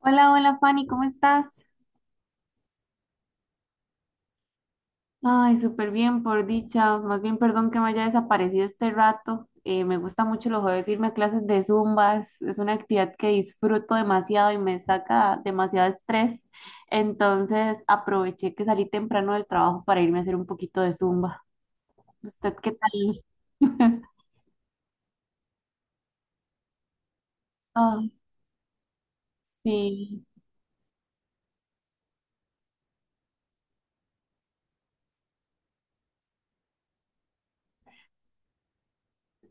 Hola, hola Fanny, ¿cómo estás? Ay, súper bien, por dicha. Más bien, perdón que me haya desaparecido este rato. Me gusta mucho los jueves irme a clases de Zumba. Es una actividad que disfruto demasiado y me saca demasiado estrés. Entonces, aproveché que salí temprano del trabajo para irme a hacer un poquito de Zumba. ¿Usted qué tal? Ah, sí.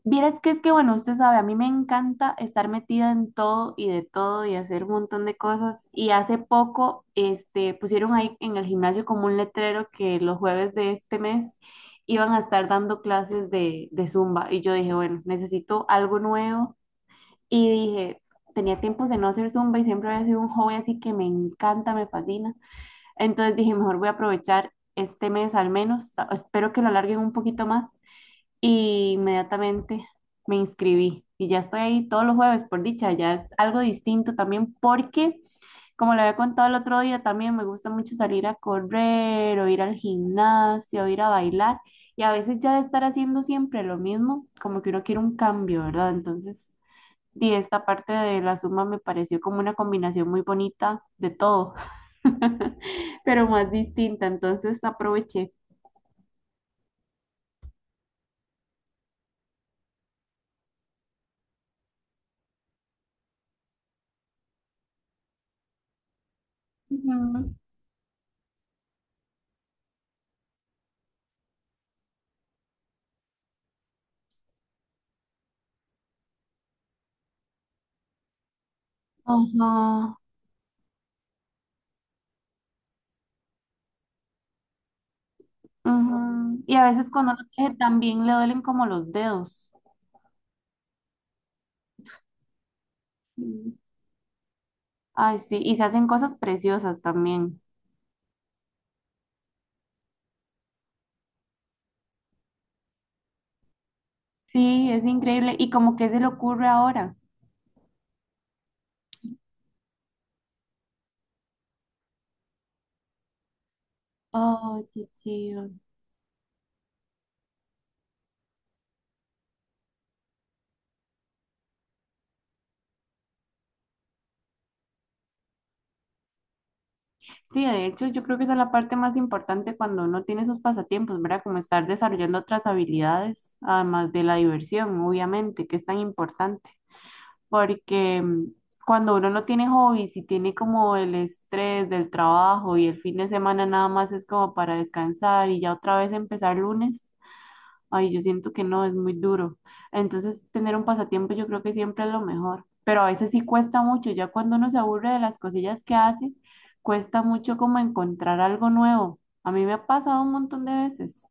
Vieras que es que, bueno, usted sabe, a mí me encanta estar metida en todo y de todo y hacer un montón de cosas. Y hace poco, este, pusieron ahí en el gimnasio como un letrero que los jueves de este mes iban a estar dando clases de Zumba. Y yo dije, bueno, necesito algo nuevo. Y dije, tenía tiempos de no hacer Zumba y siempre había sido un hobby así que me encanta, me fascina. Entonces dije, mejor voy a aprovechar este mes al menos. Espero que lo alarguen un poquito más y inmediatamente me inscribí y ya estoy ahí todos los jueves, por dicha, ya es algo distinto también porque, como le había contado el otro día, también me gusta mucho salir a correr o ir al gimnasio o ir a bailar y a veces ya de estar haciendo siempre lo mismo, como que uno quiere un cambio, ¿verdad? Entonces, y esta parte de la suma me pareció como una combinación muy bonita de todo, pero más distinta, entonces aproveché. Ujú. Ajá. Ujú. Y a veces cuando uno teje también le duelen como los dedos. Sí, ay, sí, y se hacen cosas preciosas también. Sí, es increíble. ¿Y como que se le ocurre ahora? Ay, qué chido. Sí, de hecho, yo creo que esa es la parte más importante cuando uno tiene esos pasatiempos, ¿verdad? Como estar desarrollando otras habilidades, además de la diversión, obviamente, que es tan importante. Porque cuando uno no tiene hobbies y tiene como el estrés del trabajo y el fin de semana nada más es como para descansar y ya otra vez empezar lunes, ay, yo siento que no, es muy duro. Entonces, tener un pasatiempo yo creo que siempre es lo mejor, pero a veces sí cuesta mucho, ya cuando uno se aburre de las cosillas que hace, cuesta mucho como encontrar algo nuevo. A mí me ha pasado un montón de veces.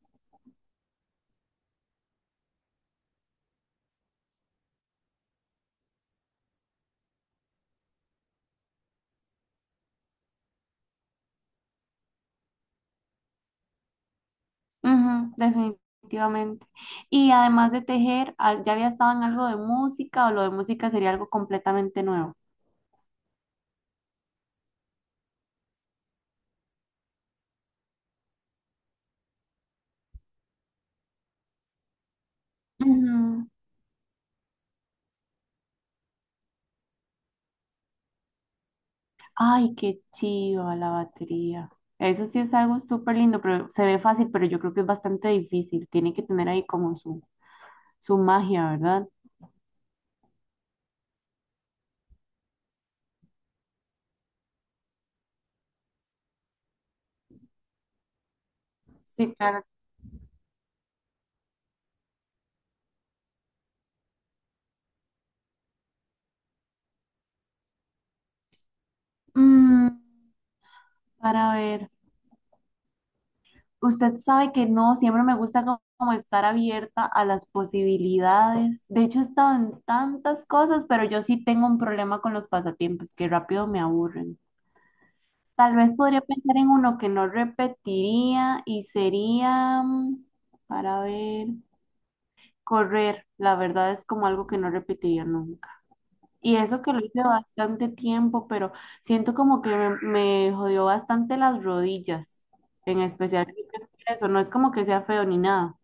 Ujú, definitivamente. Y además de tejer, ¿ya había estado en algo de música o lo de música sería algo completamente nuevo? Ujú. Ay, qué chiva la batería. Eso sí es algo súper lindo, pero se ve fácil, pero yo creo que es bastante difícil. Tiene que tener ahí como su magia, ¿verdad? Sí, claro. Mm, para ver. Usted sabe que no, siempre me gusta como estar abierta a las posibilidades. De hecho, he estado en tantas cosas, pero yo sí tengo un problema con los pasatiempos que rápido me aburren. Tal vez podría pensar en uno que no repetiría y sería, para ver, correr. La verdad es como algo que no repetiría nunca. Y eso que lo hice bastante tiempo, pero siento como que me jodió bastante las rodillas, en especial eso. No es como que sea feo ni nada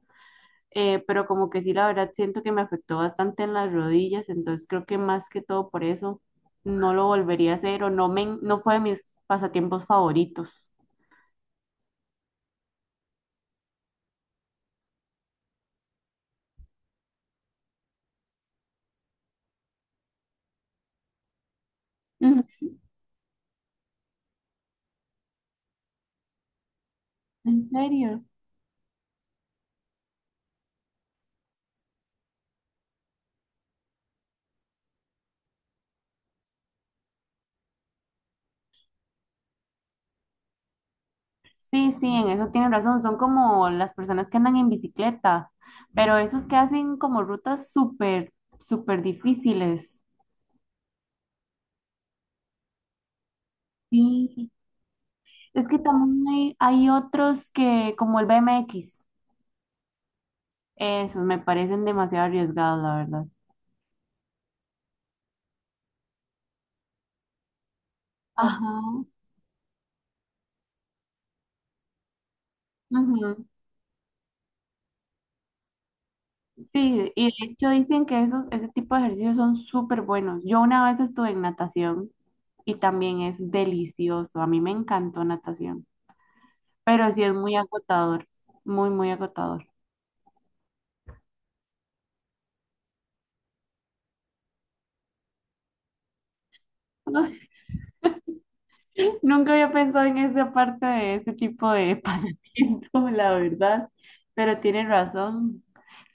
eh, pero como que sí, la verdad siento que me afectó bastante en las rodillas, entonces creo que más que todo por eso no lo volvería a hacer o no, no fue de mis pasatiempos favoritos. Ujú, ¿en serio? Sí, sí, en eso tienen razón, son como las personas que andan en bicicleta, pero esos que hacen como rutas súper, súper difíciles. Sí, es que también hay otros que, como el BMX, esos me parecen demasiado arriesgados, la verdad. Ajá. Ujú. Sí, y de hecho dicen que esos, ese tipo de ejercicios son súper buenos. Yo una vez estuve en natación y también es delicioso. A mí me encantó natación, pero sí es muy agotador, muy, muy agotador. Nunca había pensado en esa parte de ese tipo de pasatiempo, la verdad, pero tienes razón.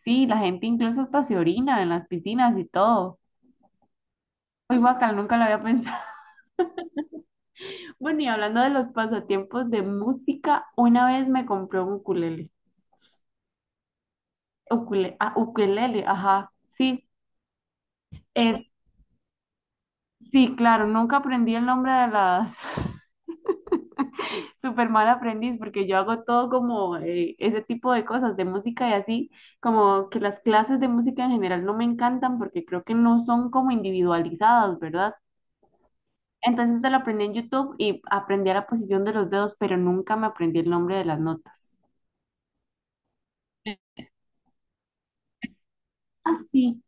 Sí, la gente incluso hasta se orina en las piscinas y todo. Muy bacán, nunca lo había pensado. Bueno, y hablando de los pasatiempos de música, una vez me compré un ukulele. Ukule, ah, ukelele, ajá, sí, es, sí, claro, nunca aprendí el nombre de las, super mal aprendiz, porque yo hago todo como ese tipo de cosas, de música y así, como que las clases de música en general no me encantan, porque creo que no son como individualizadas, ¿verdad? Entonces te lo aprendí en YouTube y aprendí a la posición de los dedos, pero nunca me aprendí el nombre de las notas. Así.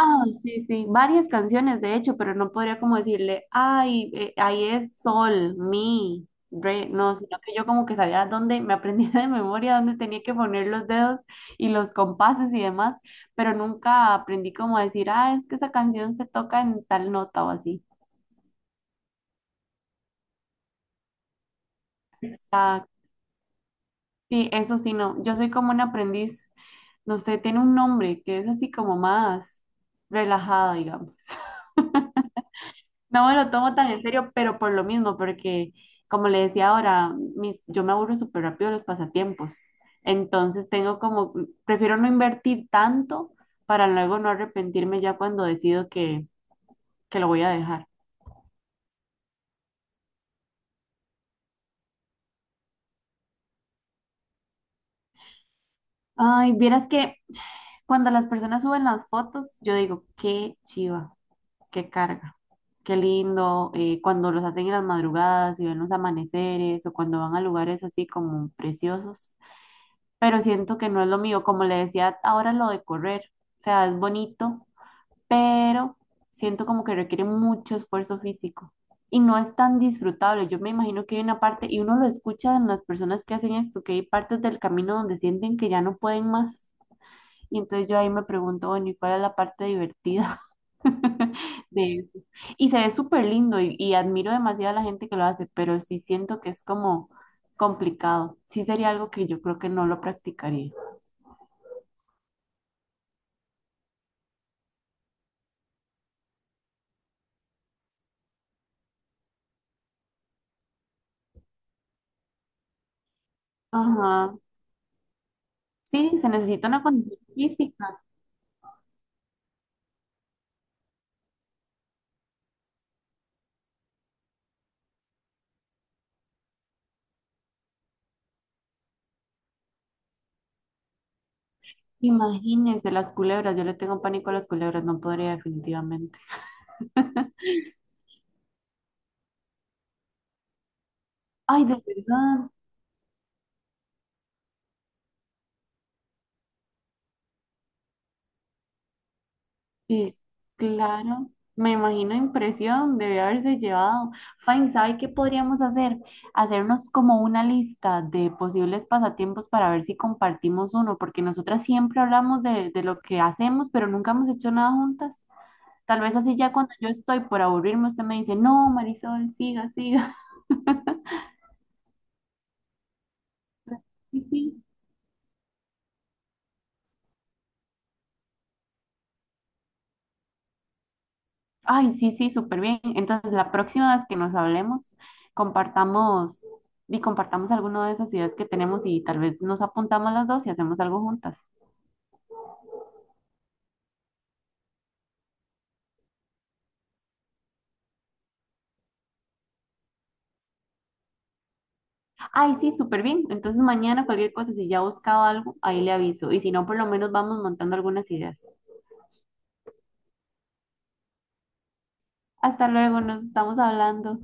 Ah, sí, sí, varias canciones de hecho, pero no podría como decirle, ay, ahí es sol, mi, re, no, sino que yo como que sabía dónde, me aprendía de memoria dónde tenía que poner los dedos y los compases y demás, pero nunca aprendí como a decir, ah, es que esa canción se toca en tal nota o así. Exacto, sí, eso sí, no, yo soy como un aprendiz, no sé, tiene un nombre que es así como más relajado, digamos. No me lo tomo tan en serio, pero por lo mismo, porque como le decía ahora, yo me aburro súper rápido de los pasatiempos. Entonces tengo como, prefiero no invertir tanto para luego no arrepentirme ya cuando decido que lo voy a dejar. Ay, vieras que cuando las personas suben las fotos, yo digo, qué chiva, qué carga, qué lindo. Cuando los hacen en las madrugadas y ven los amaneceres o cuando van a lugares así como preciosos, pero siento que no es lo mío. Como le decía ahora lo de correr, o sea, es bonito, pero siento como que requiere mucho esfuerzo físico y no es tan disfrutable. Yo me imagino que hay una parte, y uno lo escucha en las personas que hacen esto, que hay partes del camino donde sienten que ya no pueden más. Y entonces yo ahí me pregunto, bueno, ¿y cuál es la parte divertida de eso? Y se ve súper lindo y admiro demasiado a la gente que lo hace, pero sí siento que es como complicado. Sí sería algo que yo creo que no lo practicaría. Ajá. Sí, se necesita una condición física. Imagínense las culebras. Yo le tengo pánico a las culebras, no podría definitivamente. Ay, de verdad. Sí, claro. Me imagino impresión, debe haberse llevado. Fine, ¿sabe qué podríamos hacer? Hacernos como una lista de posibles pasatiempos para ver si compartimos uno, porque nosotras siempre hablamos de lo que hacemos, pero nunca hemos hecho nada juntas. Tal vez así ya cuando yo estoy por aburrirme, usted me dice, no, Marisol, siga, siga. Sí, sí. Ay, sí, sí, súper bien. Entonces, la próxima vez que nos hablemos, compartamos y compartamos alguna de esas ideas que tenemos y tal vez nos apuntamos las dos y hacemos algo juntas. Ay, sí, súper bien. Entonces, mañana cualquier cosa, si ya he buscado algo, ahí le aviso. Y si no, por lo menos vamos montando algunas ideas. Hasta luego, nos estamos hablando.